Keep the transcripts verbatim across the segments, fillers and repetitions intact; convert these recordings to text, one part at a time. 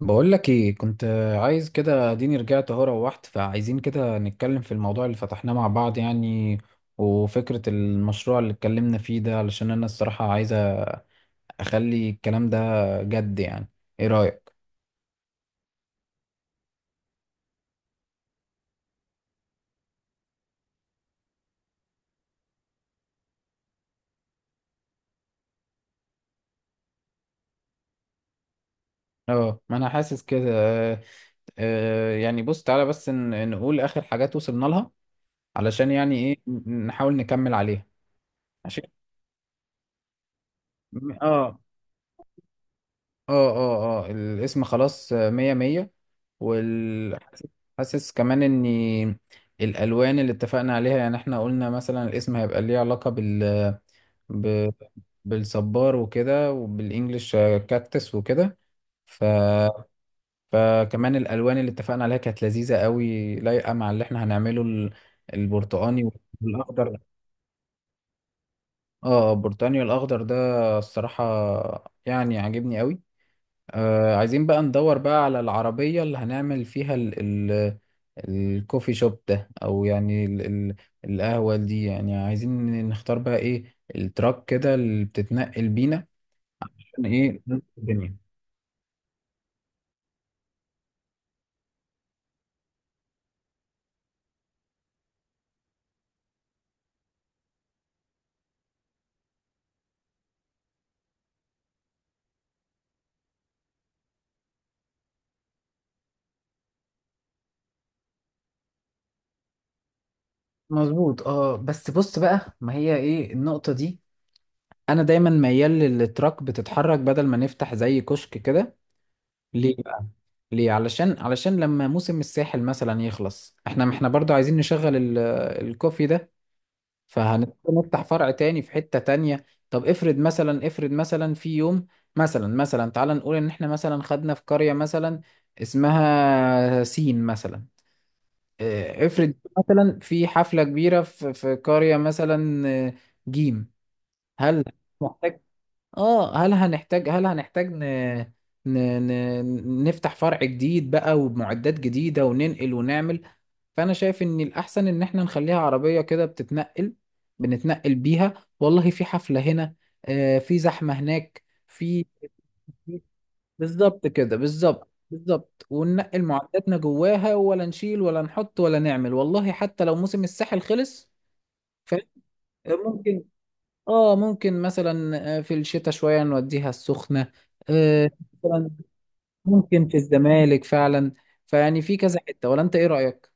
بقول لك ايه كنت عايز كده. اديني رجعت اهو. روحت، فعايزين كده نتكلم في الموضوع اللي فتحناه مع بعض يعني. وفكرة المشروع اللي اتكلمنا فيه ده، علشان انا الصراحة عايز اخلي الكلام ده جد يعني. ايه رأيك؟ اه، ما انا حاسس كده. آه، آه، يعني بص تعالى بس ن- نقول اخر حاجات وصلنا لها، علشان يعني ايه ن- نحاول نكمل عليها. عشان اه اه اه اه الاسم خلاص آه، مية مية. وال حاسس كمان ان الالوان اللي اتفقنا عليها، يعني احنا قلنا مثلا الاسم هيبقى ليه علاقة بال، ب... بالصبار وكده، وبالانجلش آه، كاكتس وكده. ف... فكمان الالوان اللي اتفقنا عليها كانت لذيذة قوي، لايقة مع اللي احنا هنعمله ال... البرتقاني والاخضر. اه، البرتقاني والاخضر ده الصراحة يعني عاجبني قوي. آه عايزين بقى ندور بقى على العربية اللي هنعمل فيها ال ال الكوفي شوب ده، أو يعني ال ال القهوة دي. يعني عايزين نختار بقى إيه التراك كده اللي بتتنقل بينا، عشان إيه نظبط الدنيا. مظبوط. اه بس بص بقى، ما هي ايه النقطة دي. انا دايما ميال للتراك بتتحرك بدل ما نفتح زي كشك كده. ليه بقى؟ ليه؟ علشان علشان لما موسم الساحل مثلا يخلص، احنا احنا برضو عايزين نشغل ال- الكوفي ده. فهنضطر نفتح فرع تاني في حتة تانية. طب افرض مثلا، افرض مثلا في يوم، مثلا مثلا تعال نقول ان احنا مثلا خدنا في قرية مثلا اسمها سين مثلا. اه، افرض مثلا في حفلة كبيرة في في قرية مثلا اه، جيم. هل محتاج؟ اه، هل هنحتاج، هل هنحتاج ن... ن... ن... نفتح فرع جديد بقى وبمعدات جديدة، وننقل ونعمل. فانا شايف ان الاحسن ان احنا نخليها عربيه كده بتتنقل، بنتنقل بيها. والله في حفله هنا، آه في زحمه هناك، في. بالظبط كده، بالظبط بالظبط، وننقل معداتنا جواها، ولا نشيل ولا نحط ولا نعمل، والله حتى لو موسم الساحل خلص. فممكن، اه ممكن مثلا آه، في الشتاء شويه نوديها السخنه آه. مثلا ممكن في الزمالك فعلا. فيعني في كذا حته، ولا انت ايه رايك؟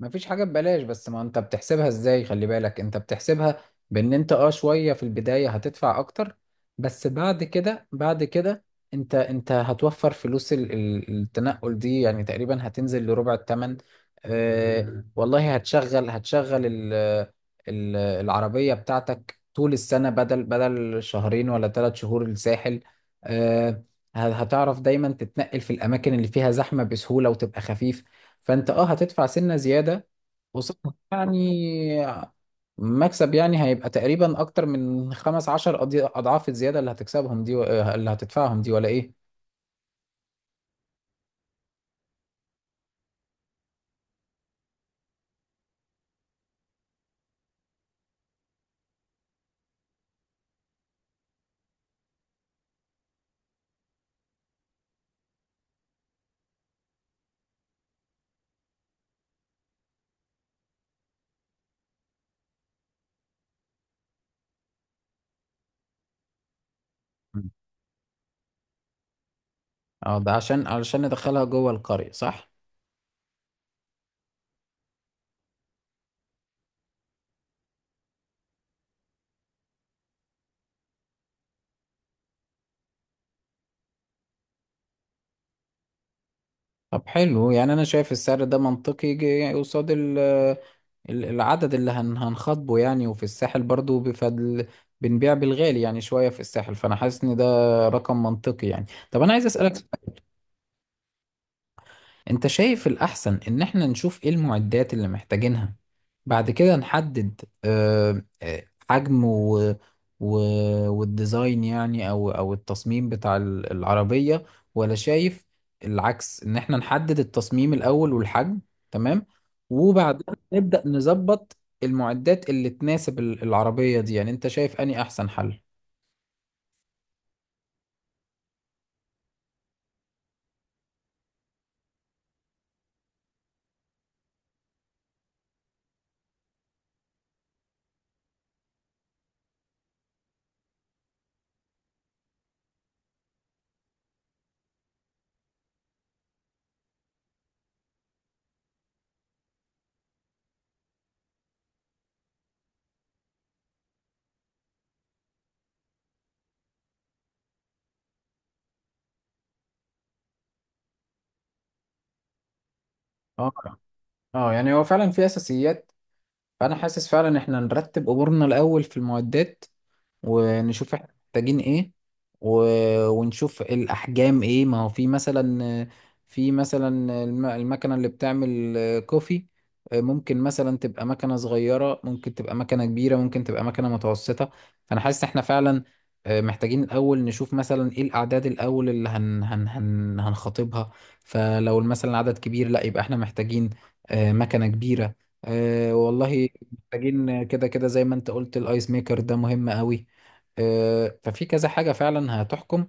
مفيش حاجة ببلاش، بس ما انت بتحسبها ازاي، خلي بالك انت بتحسبها بان انت اه شوية في البداية هتدفع اكتر، بس بعد كده. بعد كده انت انت هتوفر فلوس ال- ال- التنقل دي، يعني تقريبا هتنزل لربع التمن. اه والله، هتشغل هتشغل ال ال العربية بتاعتك طول السنة، بدل بدل شهرين ولا ثلاث شهور الساحل. اه هتعرف دايما تتنقل في الأماكن اللي فيها زحمة بسهولة، وتبقى خفيف. فانت اه هتدفع سنة زيادة، وصح يعني. مكسب يعني، هيبقى تقريبا اكتر من خمس عشر أضي- اضعاف الزيادة اللي هتكسبهم دي، و آه، اللي هتدفعهم دي، ولا ايه؟ مم. اه ده عشان، علشان ندخلها جوه القرية صح. طب حلو، يعني انا شايف السعر ده منطقي، جي- قصاد ال... ال- العدد اللي هن... هنخاطبه يعني. وفي الساحل برضو بفضل بنبيع بالغالي يعني شوية في الساحل، فانا حاسس ان ده رقم منطقي يعني. طب انا عايز اسألك، انت شايف الأحسن إن احنا نشوف ايه المعدات اللي محتاجينها، بعد كده نحدد آه، آه، حجم، و و... والديزاين، يعني أو أو التصميم بتاع ال- العربية؟ ولا شايف العكس، إن احنا نحدد التصميم الأول والحجم، تمام، وبعدين نبدأ نظبط المعدات اللي تناسب ال- العربية دي؟ يعني انت شايف أني أحسن حل. اه، اه يعني هو فعلا في اساسيات. فانا حاسس فعلا ان احنا نرتب امورنا الاول في المعدات، ونشوف احنا محتاجين ايه، و... ونشوف الاحجام ايه. ما هو في مثلا، في مثلا الم- المكنه اللي بتعمل كوفي، ممكن مثلا تبقى مكنه صغيره، ممكن تبقى مكنه كبيره، ممكن تبقى مكنه متوسطه. فانا حاسس احنا فعلا آه، محتاجين الاول نشوف مثلا ايه الاعداد الاول اللي هن... هن... هن... هنخاطبها. فلو مثلا عدد كبير، لا يبقى احنا محتاجين آه، مكنه كبيره. أه والله محتاجين. كده كده زي ما انت قلت، الايس ميكر ده مهم قوي. أه ففي كذا حاجة فعلا هتحكم،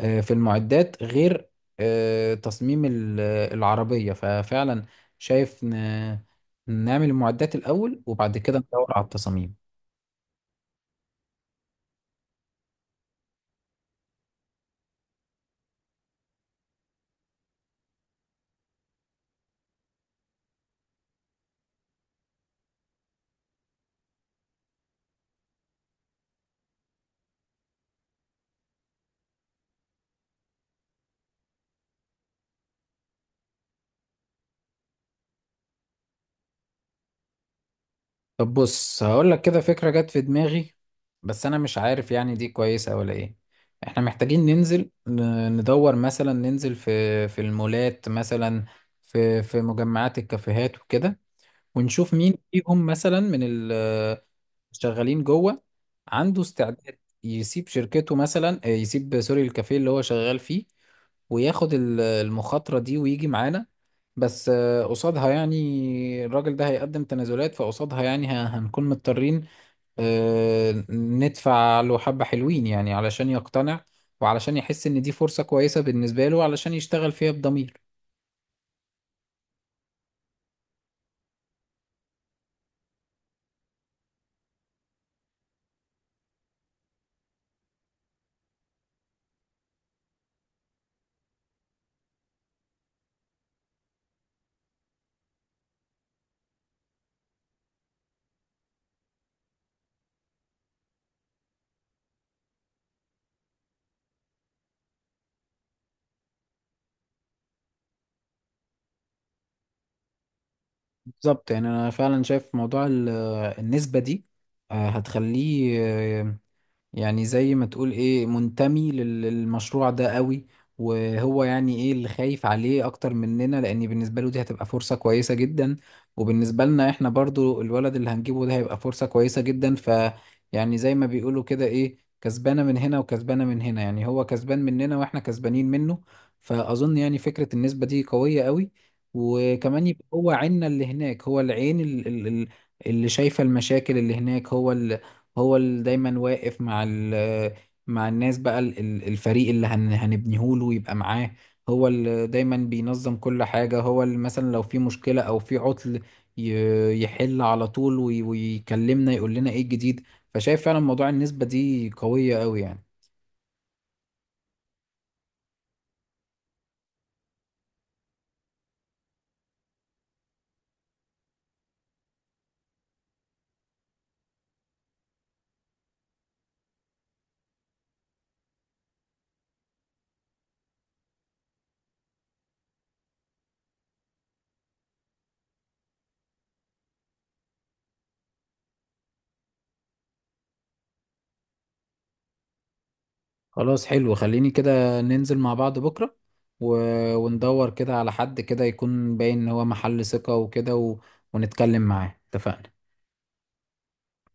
أه في المعدات، غير أه تصميم ال- العربية. ففعلا شايف ن... نعمل المعدات الأول، وبعد كده ندور على التصاميم. طب بص، هقول لك كده فكرة جت في دماغي، بس انا مش عارف يعني دي كويسة ولا ايه. احنا محتاجين ننزل ن- ندور مثلا، ننزل في في المولات مثلا، في في مجمعات الكافيهات وكده، ونشوف مين فيهم مثلا من ال، شغالين جوه، عنده استعداد يسيب شركته مثلا آه، يسيب سوري الكافيه اللي هو شغال فيه، وياخد ال- المخاطرة دي ويجي معانا. بس آه، قصادها يعني الراجل ده هيقدم تنازلات، فقصادها يعني ه- هنكون مضطرين آه، ندفع له حبة حلوين، يعني علشان يقتنع، وعلشان يحس إن دي فرصة كويسة بالنسبة له، علشان يشتغل فيها بضمير. بالظبط. يعني أنا فعلا شايف موضوع ال- النسبة دي آه، هتخليه آه، يعني زي ما تقول ايه، منتمي لل- للمشروع ده قوي. وهو يعني ايه اللي خايف عليه اكتر مننا، لان بالنسبه له دي هتبقى فرصه كويسه جدا، وبالنسبه لنا احنا برضو الولد اللي هنجيبه ده هيبقى فرصه كويسه جدا. ف يعني زي ما بيقولوا كده ايه، كسبانه من هنا وكسبانه من هنا، يعني هو كسبان مننا واحنا كسبانين منه. فاظن يعني فكره النسبه دي قويه قوي. وكمان يبقى هو عيننا اللي هناك، هو العين ال- ال- ال- اللي شايفه المشاكل اللي هناك. هو هو اللي دايما واقف مع ال، مع الناس بقى ال- ال- الفريق اللي هن هنبنيه له يبقى معاه. هو اللي دايما بينظم كل حاجة، هو اللي مثلا لو في مشكلة أو في عطل ي- يحل على طول، وي- ويكلمنا يقول لنا ايه الجديد. فشايف فعلا موضوع النسبة دي قوية قوي يعني. خلاص حلو، خليني كده ننزل مع بعض بكرة، و... وندور كده على حد كده يكون باين ان هو محل ثقة وكده، و... ونتكلم معاه. اتفقنا.